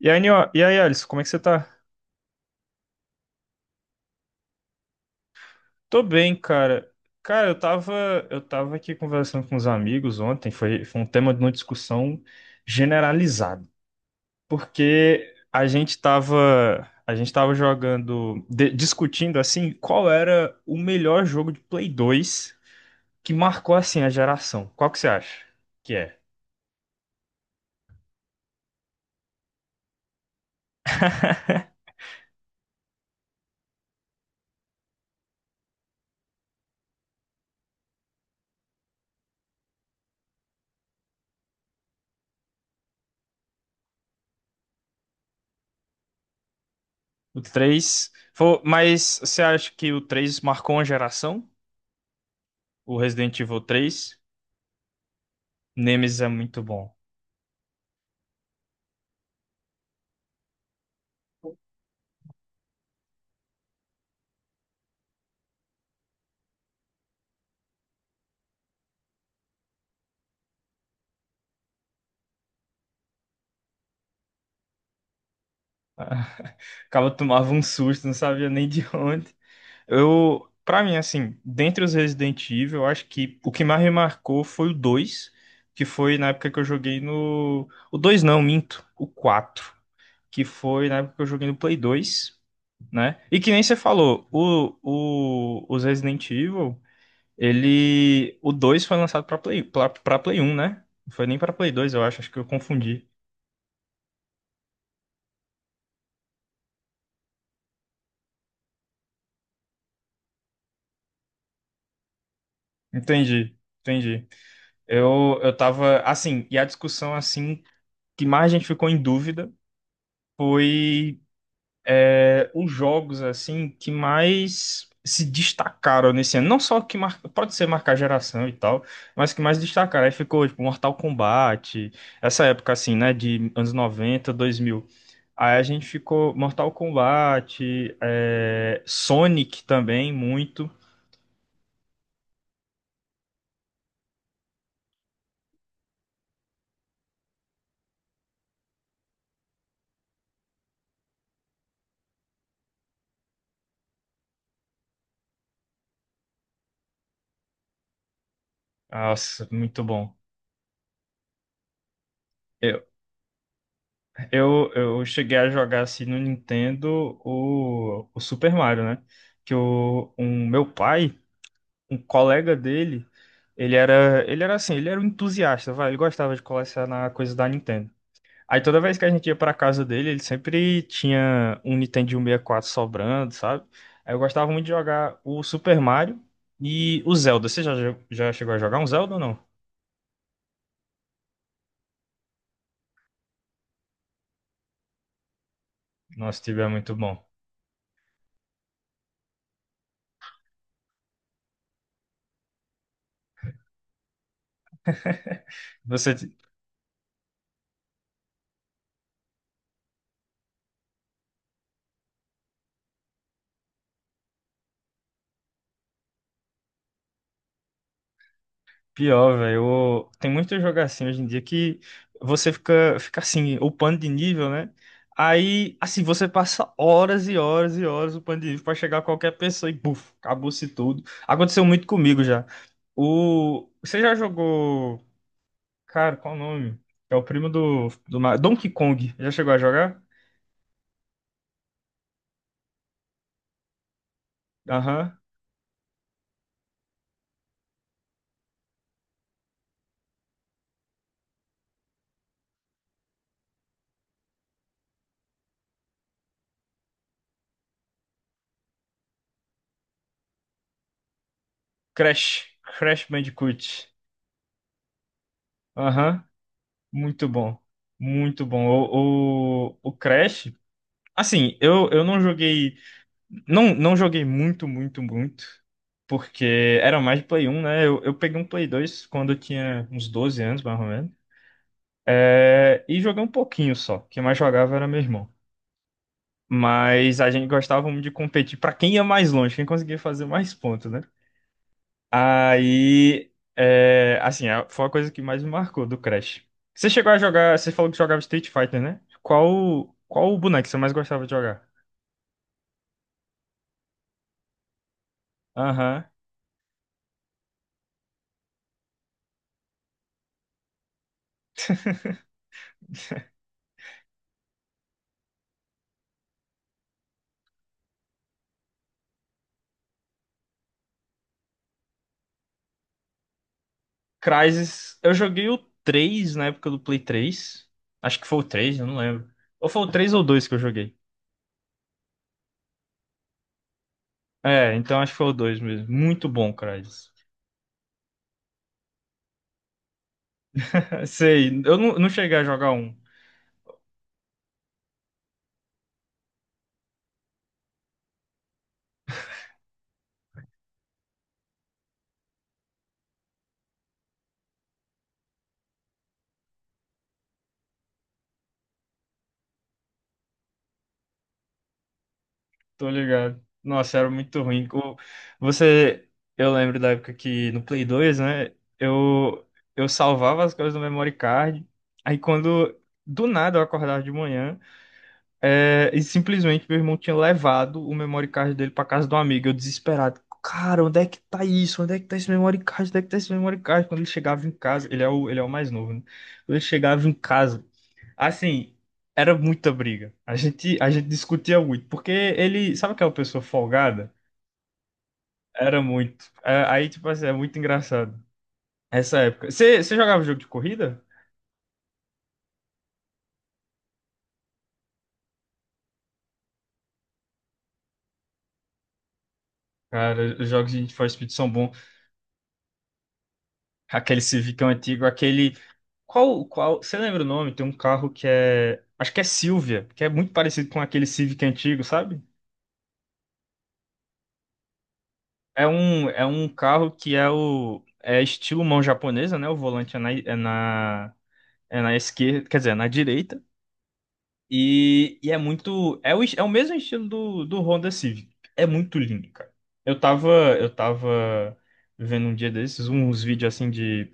E aí, Alisson, como é que você tá? Tô bem, cara. Cara, eu tava aqui conversando com os amigos ontem, foi um tema de uma discussão generalizada, porque a gente tava jogando, discutindo, assim, qual era o melhor jogo de Play 2 que marcou, assim, a geração. Qual que você acha que é? O 3? Mas você acha que o 3 marcou uma geração? O Resident Evil 3? Nemesis é muito bom. Acaba tomava um susto, não sabia nem de onde. Para mim, assim, dentre os Resident Evil, eu acho que o que mais me marcou foi o 2 que foi na época que eu joguei no. O 2 não, minto. O 4 que foi na época que eu joguei no Play 2, né? E que nem você falou, os Resident Evil, ele. O 2 foi lançado pra Play 1, né? Não foi nem pra Play 2, eu acho, acho que eu confundi. Entendi, entendi. Eu tava, assim, e a discussão, assim, que mais a gente ficou em dúvida foi os jogos, assim, que mais se destacaram nesse ano. Não só que mar... pode ser marcar geração e tal, mas que mais destacaram. Aí ficou, tipo, Mortal Kombat, essa época, assim, né, de anos noventa dois mil. Aí a gente ficou Mortal Kombat, é, Sonic também, muito. Nossa, muito bom. Eu cheguei a jogar assim no Nintendo o Super Mario, né? Que o um, meu pai, um colega dele, ele era um entusiasta, vai, ele gostava de colecionar coisas da Nintendo. Aí toda vez que a gente ia pra casa dele, ele sempre tinha um Nintendo 64 sobrando, sabe? Aí eu gostava muito de jogar o Super Mario e o Zelda. Você já, já chegou a jogar um Zelda ou não? Nossa, tive é muito bom. Você, pior, velho. Tem muito jogo assim hoje em dia que você fica, fica assim, upando de nível, né? Aí, assim, você passa horas e horas e horas upando de nível pra chegar a qualquer pessoa e, buf, acabou-se tudo. Aconteceu muito comigo já. O... Você já jogou. Cara, qual o nome? É o primo do, do. Donkey Kong. Já chegou a jogar? Aham. Crash. Crash Bandicoot. Aham. Muito bom. Muito bom. O Crash. Assim, eu não joguei. Não, não joguei muito. Porque era mais de Play um, né? Eu peguei um Play 2 quando eu tinha uns 12 anos, mais ou menos. É, e joguei um pouquinho só. Quem mais jogava era meu irmão. Mas a gente gostava muito de competir pra quem ia mais longe, quem conseguia fazer mais pontos, né? Aí. É, assim, foi a coisa que mais me marcou do Crash. Você chegou a jogar. Você falou que jogava Street Fighter, né? Qual, qual o boneco que você mais gostava de jogar? Aham. Crysis, eu joguei o 3 na época do Play três. Acho que foi o 3, eu não lembro. Ou foi o 3 ou o 2 que eu joguei. É, então acho que foi o dois mesmo. Muito bom, Crysis. Sei, eu não, não cheguei a jogar um, tô ligado. Nossa, era muito ruim. Você, eu lembro da época que no Play 2, né? Eu, eu salvava as coisas no memory card. Aí quando, do nada, eu acordava de manhã. É, e simplesmente meu irmão tinha levado o memory card dele pra casa do amigo. Eu desesperado. Cara, onde é que tá isso? Onde é que tá esse memory card? Onde é que tá esse memory card? Quando ele chegava em casa, ele é o mais novo, né? Quando ele chegava em casa, assim, era muita briga. A gente discutia muito, porque ele, sabe aquela pessoa folgada? Era muito. É, aí, tipo assim, é muito engraçado. Essa época. Você jogava jogo de corrida? Cara, os jogos de Need for Speed são bons. Aquele Civicão antigo, aquele. Você lembra o nome? Tem um carro que é, acho que é Silvia, que é muito parecido com aquele Civic antigo, sabe? É um carro que é o, é estilo mão japonesa, né? O volante é na esquerda, quer dizer, é na direita. E é muito, é o, é o mesmo estilo do, do Honda Civic. É muito lindo, cara. Eu tava, eu tava vendo um dia desses uns vídeos assim de,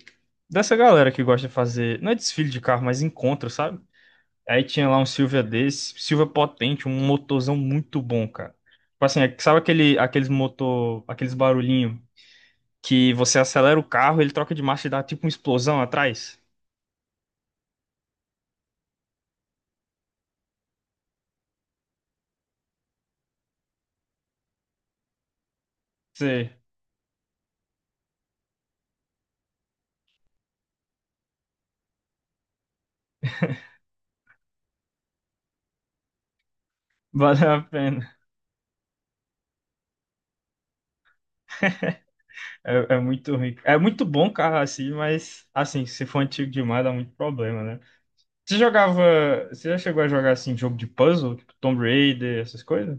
dessa galera que gosta de fazer, não é desfile de carro, mas encontro, sabe? Aí tinha lá um Silvia desse, Silvia potente, um motorzão muito bom, cara. Tipo assim, sabe aquele, aqueles motor, aqueles barulhinho que você acelera o carro, ele troca de marcha e dá tipo uma explosão atrás? Sei, vale a pena. É, é muito rico. É muito bom carro assim, mas assim, se for antigo demais dá muito problema, né? Você jogava, você já chegou a jogar assim jogo de puzzle, tipo Tomb Raider, essas coisas?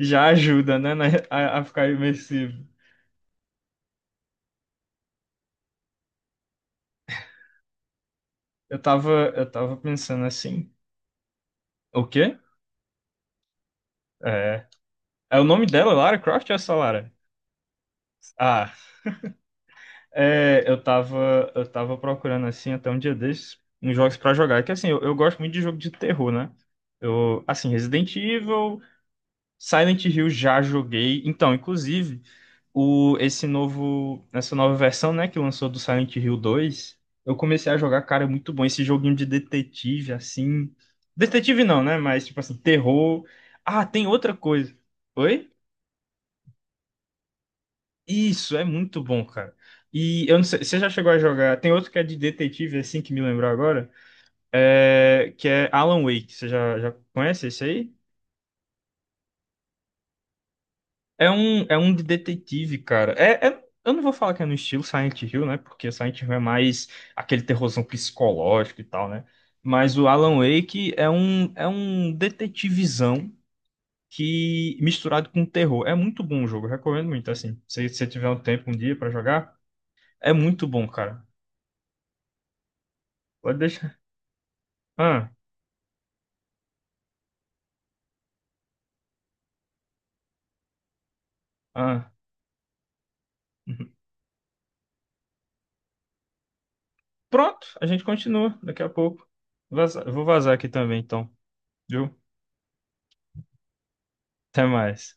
Já ajuda, né, a ficar imersivo. Eu tava pensando assim, o quê? É. É o nome dela, Lara Croft ou essa Lara? Ah, é, eu tava procurando assim até um dia desses uns jogos pra jogar. É que assim, eu gosto muito de jogo de terror, né? Eu, assim, Resident Evil, Silent Hill já joguei. Então, inclusive, o esse novo, essa nova versão, né, que lançou do Silent Hill 2, eu comecei a jogar, cara, é muito bom esse joguinho de detetive assim. Detetive não, né? Mas tipo assim, terror. Ah, tem outra coisa. Oi? Isso, é muito bom, cara. E eu não sei, você já chegou a jogar? Tem outro que é de detetive, assim, que me lembrou agora, que é Alan Wake. Você já, já conhece esse aí? É um de detetive, cara. Eu não vou falar que é no estilo Silent Hill, né? Porque Silent Hill é mais aquele terrorzão psicológico e tal, né? Mas o Alan Wake é um detetivizão que misturado com terror. É muito bom o jogo, eu recomendo muito, assim. Se você tiver um tempo um dia pra jogar, é muito bom, cara. Pode deixar. Ah, ah. Uhum. Pronto, a gente continua daqui a pouco. Vou vazar aqui também, então. Viu? Até mais.